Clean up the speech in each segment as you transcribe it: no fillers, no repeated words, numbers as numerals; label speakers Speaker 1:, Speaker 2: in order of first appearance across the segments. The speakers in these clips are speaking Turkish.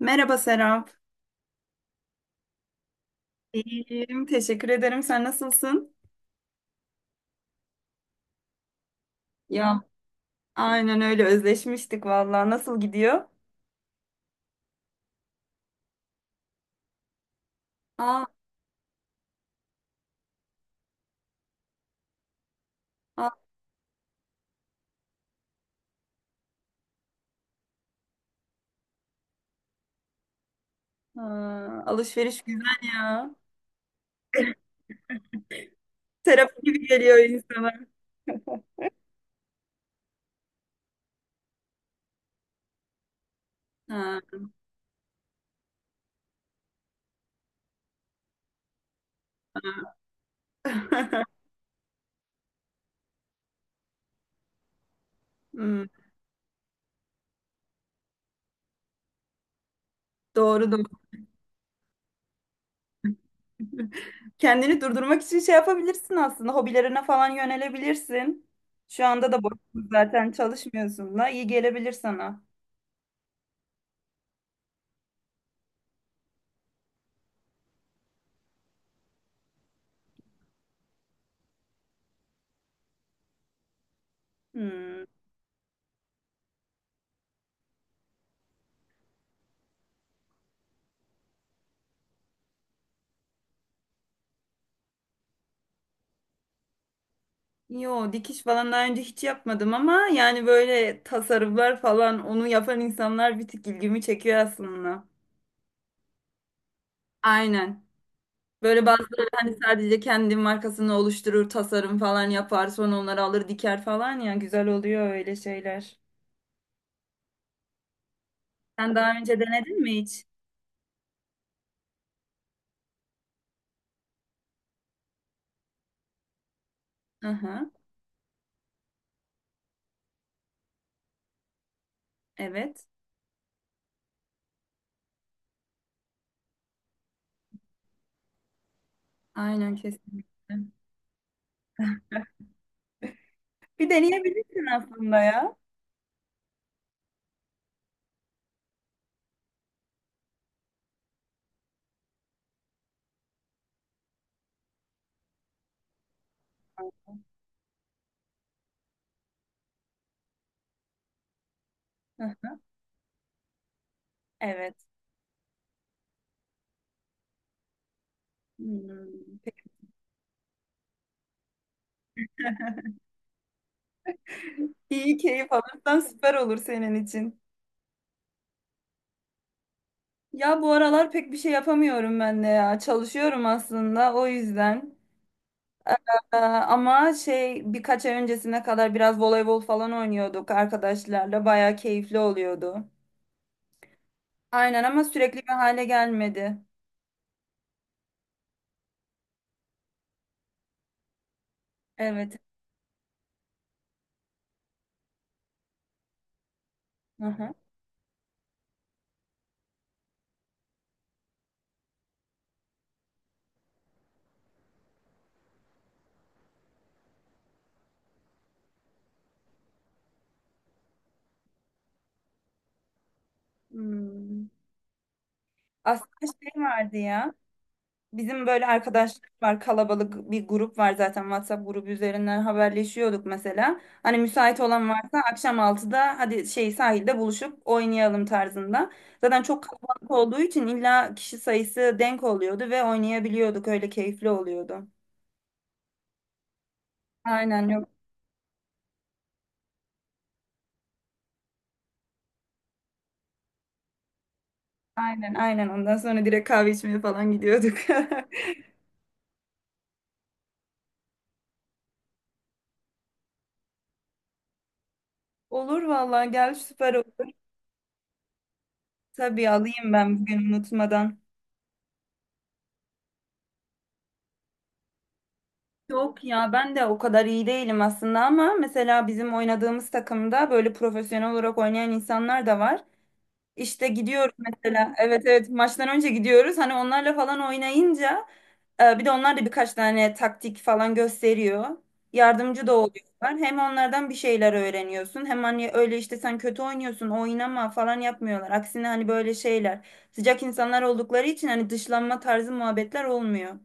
Speaker 1: Merhaba Serap. İyiyim, teşekkür ederim. Sen nasılsın? Ya, aynen öyle özleşmiştik vallahi. Nasıl gidiyor? Aa, aa, aa, alışveriş güzel ya. Terapi gibi geliyor insana. Ha. Hmm, doğru. Kendini durdurmak için şey yapabilirsin aslında. Hobilerine falan yönelebilirsin. Şu anda da boşsun zaten çalışmıyorsun da iyi gelebilir sana. Hmm. Yo, dikiş falan daha önce hiç yapmadım ama yani böyle tasarımlar falan onu yapan insanlar bir tık ilgimi çekiyor aslında. Aynen. Böyle bazıları hani sadece kendi markasını oluşturur, tasarım falan yapar, sonra onları alır diker falan ya, güzel oluyor öyle şeyler. Sen daha önce denedin mi hiç? Aha, evet. Aynen kesinlikle. Bir deneyebilirsin aslında ya. Aha, evet. Hmm. Peki, iyi keyif alırsan süper olur senin için. Ya bu aralar pek bir şey yapamıyorum ben de ya. Çalışıyorum aslında o yüzden. Ama şey birkaç ay öncesine kadar biraz voleybol falan oynuyorduk arkadaşlarla. Bayağı keyifli oluyordu. Aynen ama sürekli bir hale gelmedi. Evet. Hı hı. Hmm. Aslında şey vardı ya. Bizim böyle arkadaşlar var, kalabalık bir grup var zaten, WhatsApp grubu üzerinden haberleşiyorduk mesela. Hani müsait olan varsa akşam altıda hadi şey sahilde buluşup oynayalım tarzında. Zaten çok kalabalık olduğu için illa kişi sayısı denk oluyordu ve oynayabiliyorduk, öyle keyifli oluyordu. Aynen, yok. Aynen aynen, ondan sonra direkt kahve içmeye falan gidiyorduk. Olur vallahi, gel süper olur. Tabii, alayım ben bugün unutmadan. Yok ya, ben de o kadar iyi değilim aslında ama mesela bizim oynadığımız takımda böyle profesyonel olarak oynayan insanlar da var. İşte gidiyoruz mesela, evet evet, maçtan önce gidiyoruz hani onlarla falan oynayınca bir de onlar da birkaç tane taktik falan gösteriyor. Yardımcı da oluyorlar. Hem onlardan bir şeyler öğreniyorsun hem hani öyle işte sen kötü oynuyorsun, oynama falan yapmıyorlar. Aksine hani böyle şeyler, sıcak insanlar oldukları için hani dışlanma tarzı muhabbetler olmuyor.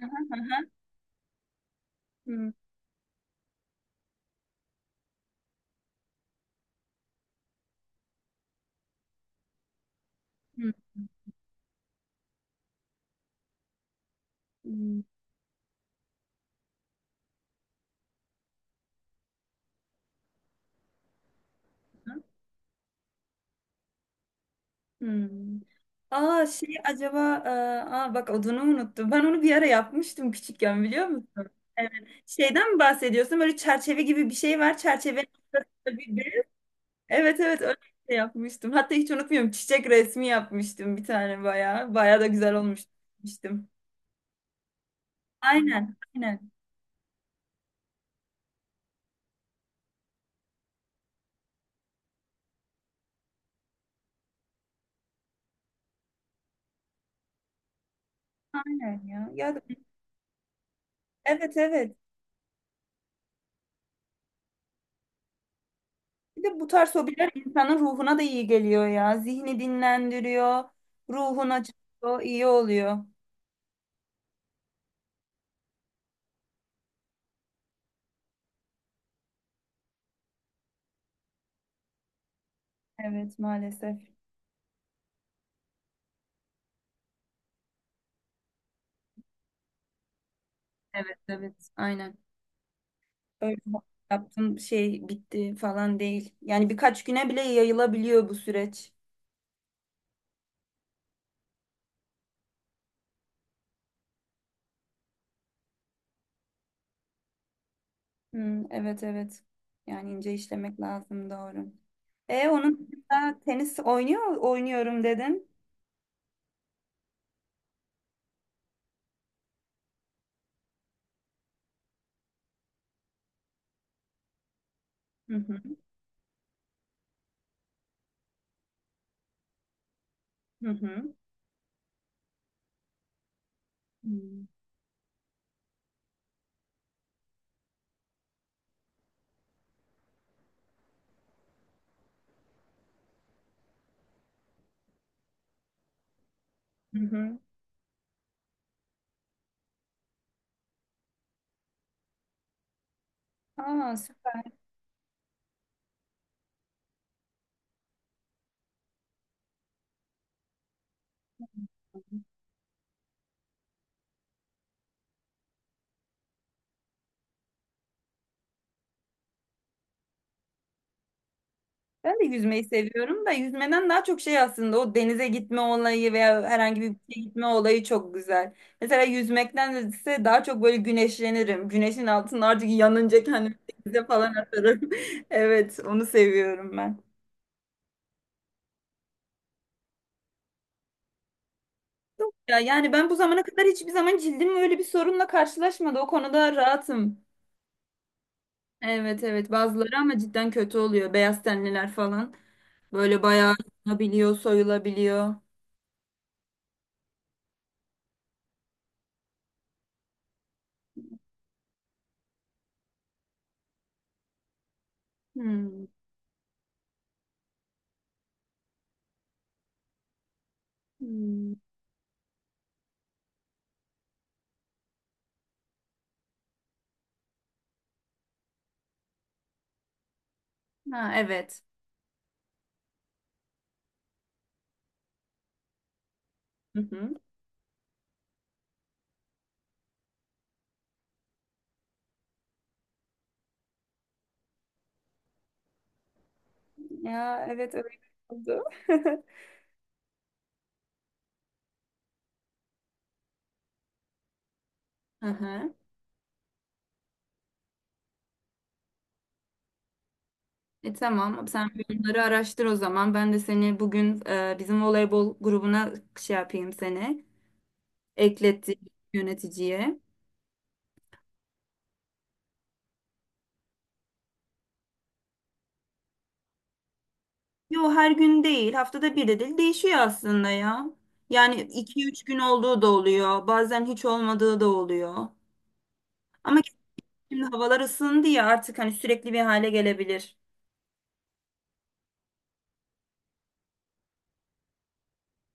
Speaker 1: Hı hı. Hı hı. Hmm. Aa şey, acaba e, aa, bak odunu unuttum. Ben onu bir ara yapmıştım küçükken, biliyor musun? Evet. Şeyden mi bahsediyorsun? Böyle çerçeve gibi bir şey var. Çerçevenin ortasında bir bez. Evet evet, öyle bir şey yapmıştım. Hatta hiç unutmuyorum. Çiçek resmi yapmıştım bir tane, bayağı. Bayağı da güzel olmuştum. Aynen aynen. Aynen ya. Ya da evet evet. Bir de bu tarz hobiler insanın ruhuna da iyi geliyor ya. Zihni dinlendiriyor. Ruhun açılıyor. İyi oluyor. Evet, maalesef. Evet, evet, aynen. Öyle yaptım, şey bitti falan değil. Yani birkaç güne bile yayılabiliyor bu süreç. Hmm, evet, evet. Yani ince işlemek lazım, doğru. E onun dışında tenis oynuyorum dedin. Hı hı, hı hı. Hı hı. Aa, süper. Ben de yüzmeyi seviyorum da yüzmeden daha çok şey aslında, o denize gitme olayı veya herhangi bir şeye gitme olayı çok güzel. Mesela yüzmekten ise daha çok böyle güneşlenirim. Güneşin altında artık yanınca kendimi denize falan atarım. Evet, onu seviyorum ben. Ya yani ben bu zamana kadar hiçbir zaman cildim öyle bir sorunla karşılaşmadı. O konuda rahatım. Evet evet, bazıları ama cidden kötü oluyor. Beyaz tenliler falan. Böyle bayağı yanabiliyor, soyulabiliyor. Hmm. Hmm. Ha, evet. Hı hı. Ya evet, öyle oldu. Aha. E tamam, sen bunları araştır o zaman. Ben de seni bugün bizim voleybol grubuna şey yapayım seni. Eklettim yöneticiye. Yo, her gün değil, haftada bir de değil, değişiyor aslında ya. Yani iki üç gün olduğu da oluyor. Bazen hiç olmadığı da oluyor. Ama şimdi havalar ısındı ya artık, hani sürekli bir hale gelebilir.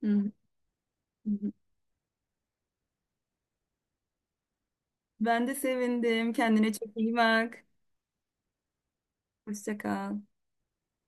Speaker 1: Hı hı. Ben de sevindim. Kendine çok iyi bak. Hoşça kal.